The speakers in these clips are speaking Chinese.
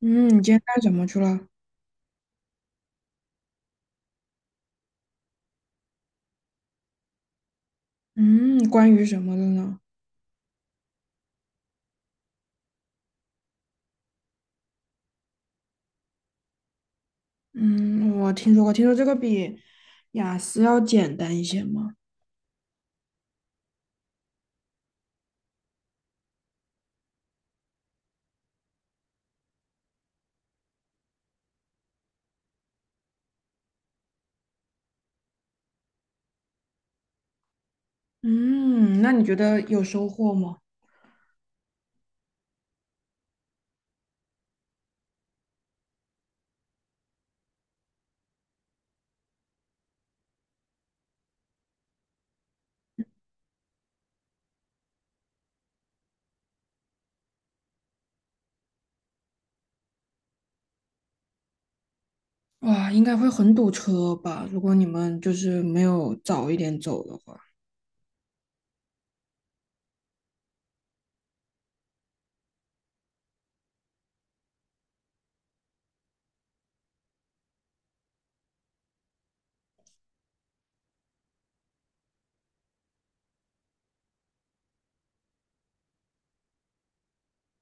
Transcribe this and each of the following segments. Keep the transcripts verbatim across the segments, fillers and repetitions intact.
嗯，你今天干什么去了？嗯，关于什么的呢？嗯，我听说过，听说这个比雅思要简单一些吗？嗯，那你觉得有收获吗？哇，应该会很堵车吧？如果你们就是没有早一点走的话。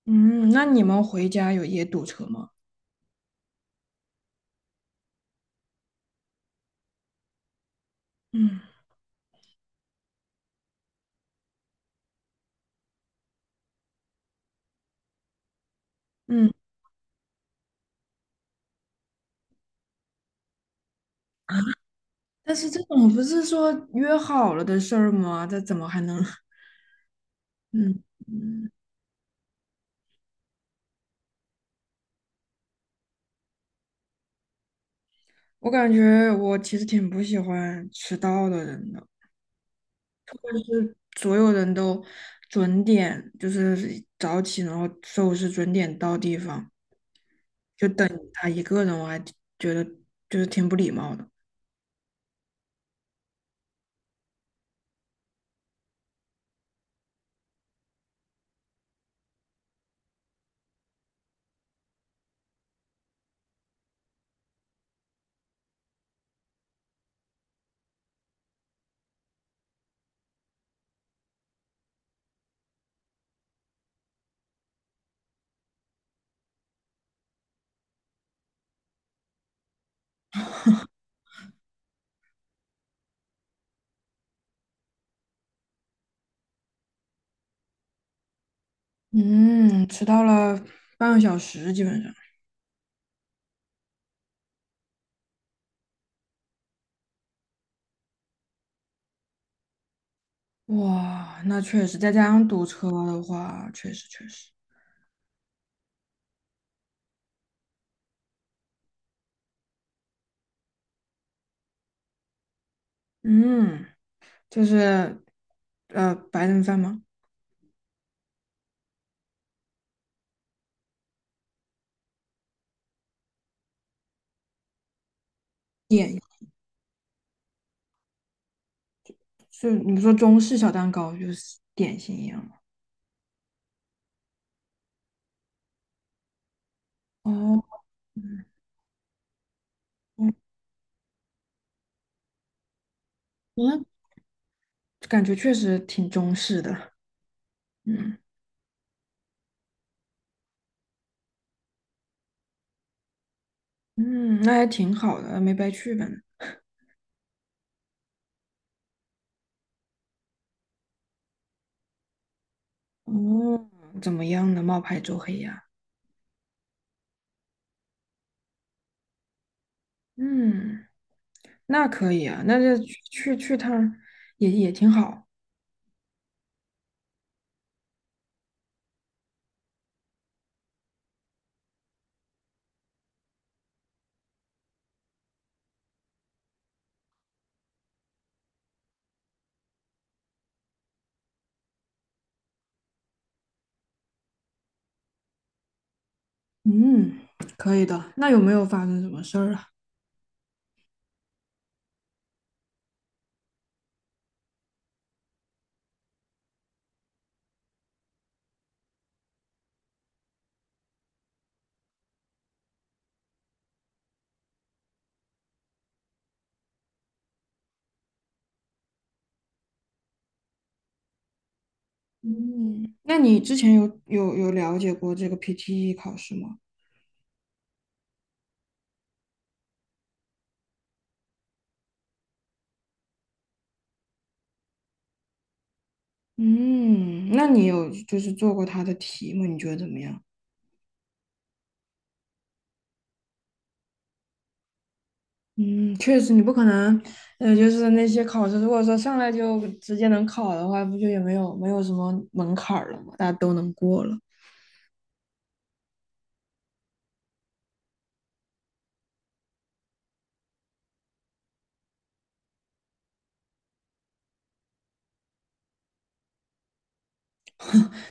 嗯，那你们回家有也堵车吗？嗯嗯，但是这种不是说约好了的事儿吗？这怎么还能？嗯嗯，我感觉我其实挺不喜欢迟到的人的。就所有人都准点，就是早起，然后收拾准点到地方，就等他一个人，我还觉得就是挺不礼貌的。嗯，迟到了半个小时，基本上。哇，那确实，再加上堵车的话，确实确实。嗯，就是呃，白人饭吗？点是你说中式小蛋糕就是点心一样吗？哦，嗯，那感觉确实挺中式的。嗯。嗯，那还挺好的，没白去呗。哦，怎么样呢？冒牌周黑鸭。嗯，那可以啊，那就去去去趟儿也也挺好。嗯，可以的。那有没有发生什么事儿啊？嗯，那你之前有有有了解过这个 P T E 考试吗？嗯，那你有就是做过它的题吗？你觉得怎么样？嗯，确实，你不可能，呃，就是那些考试，如果说上来就直接能考的话，不就也没有没有什么门槛儿了嘛，大家都能过了。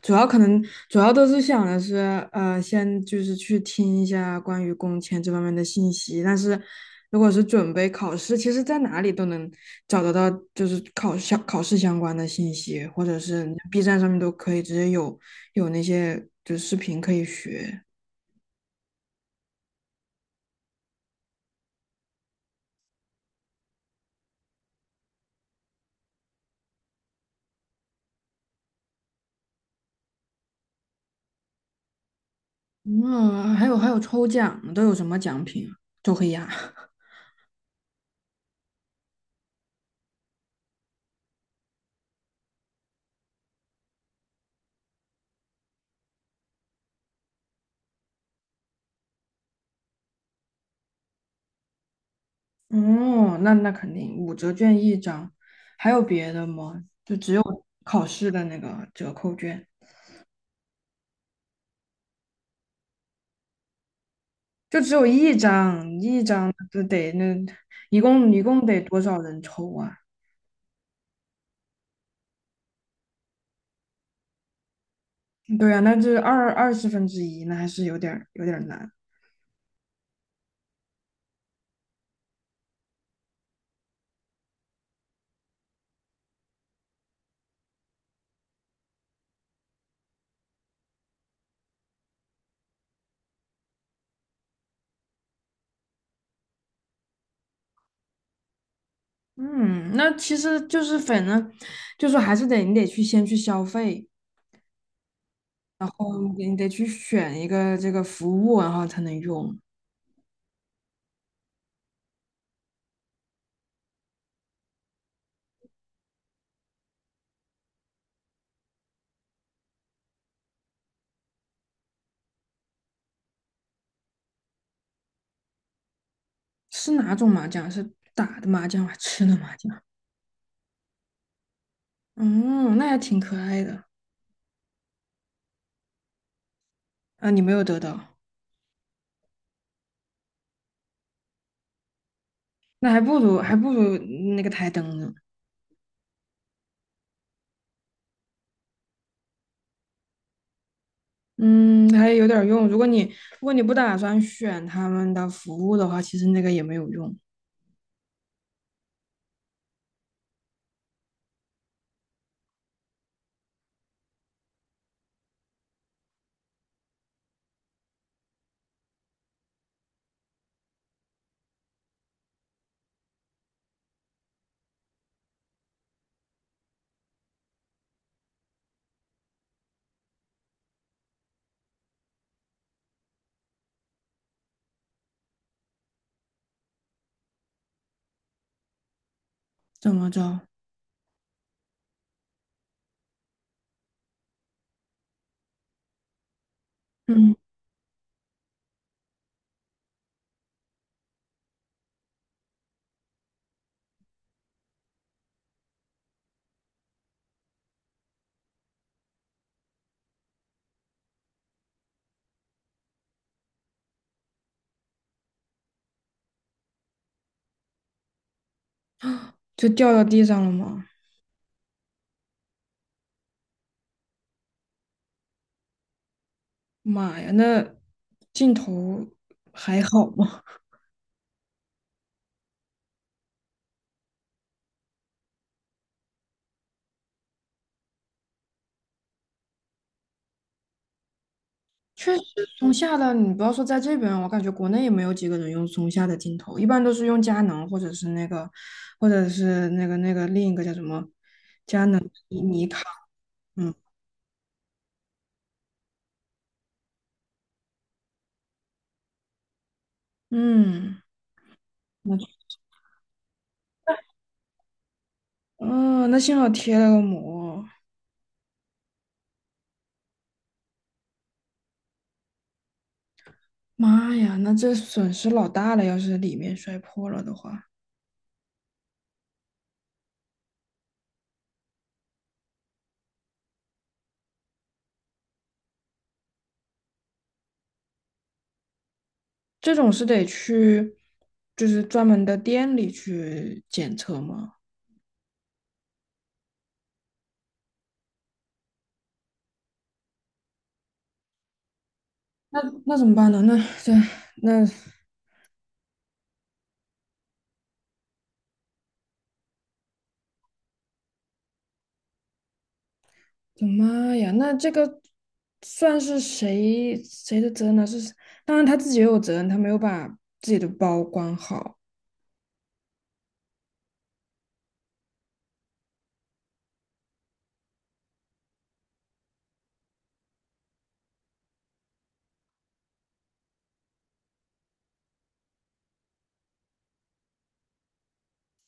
主要可能主要都是想的是，呃，先就是去听一下关于工签这方面的信息。但是如果是准备考试，其实在哪里都能找得到，就是考相考试相关的信息，或者是 B 站上面都可以直接有有那些就视频可以学。嗯，还有还有抽奖呢，都有什么奖品啊周黑鸭。哦，那那肯定五折券一张，还有别的吗？就只有考试的那个折扣券，就只有一张，一张就得那一共一共得多少人抽啊？对啊，那这二二十分之一，那还是有点儿有点儿难。嗯，那其实就是反正就是还是得你得去先去消费，然后你得去选一个这个服务，然后才能用。是哪种麻将？是打的麻将还是吃的麻将？嗯，那还挺可爱的啊！你没有得到，那还不如还不如那个台灯呢。嗯，还有点用。如果你如果你不打算选他们的服务的话，其实那个也没有用。怎么着？嗯，就掉到地上了吗？妈呀，那镜头还好吗？确实，松下的你不要说在这边，我感觉国内也没有几个人用松下的镜头，一般都是用佳能或者是那个，或者是那个那个另一个叫什么，佳能、尼尼康，嗯嗯，那嗯，哦那幸好贴了个膜，妈呀，那这损失老大了，要是里面摔破了的话，这种是得去就是专门的店里去检测吗？那那怎么办呢？那这那的妈呀，那这个算是谁谁的责任呢？是，当然他自己也有责任，他没有把自己的包管好。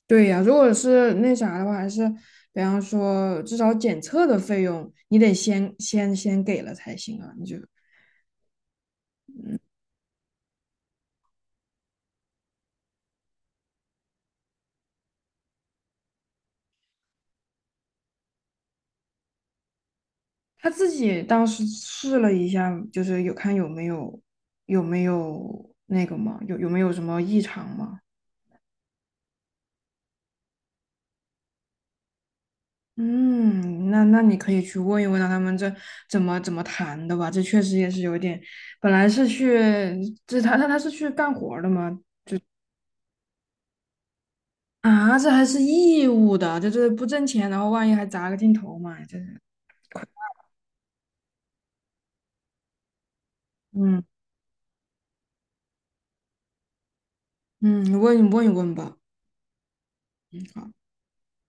对呀，如果是那啥的话，还是比方说至少检测的费用，你得先先先给了才行啊。你就他自己当时试了一下，就是有看有没有有没有那个嘛，有有没有什么异常嘛。嗯，那那你可以去问一问啊他们这怎么怎么谈的吧，这确实也是有点，本来是去，这他他他是去干活儿的吗？啊，这还是义务的，这这不挣钱，然后万一还砸个镜头嘛，这是，嗯嗯，你问你问一问吧，嗯，好。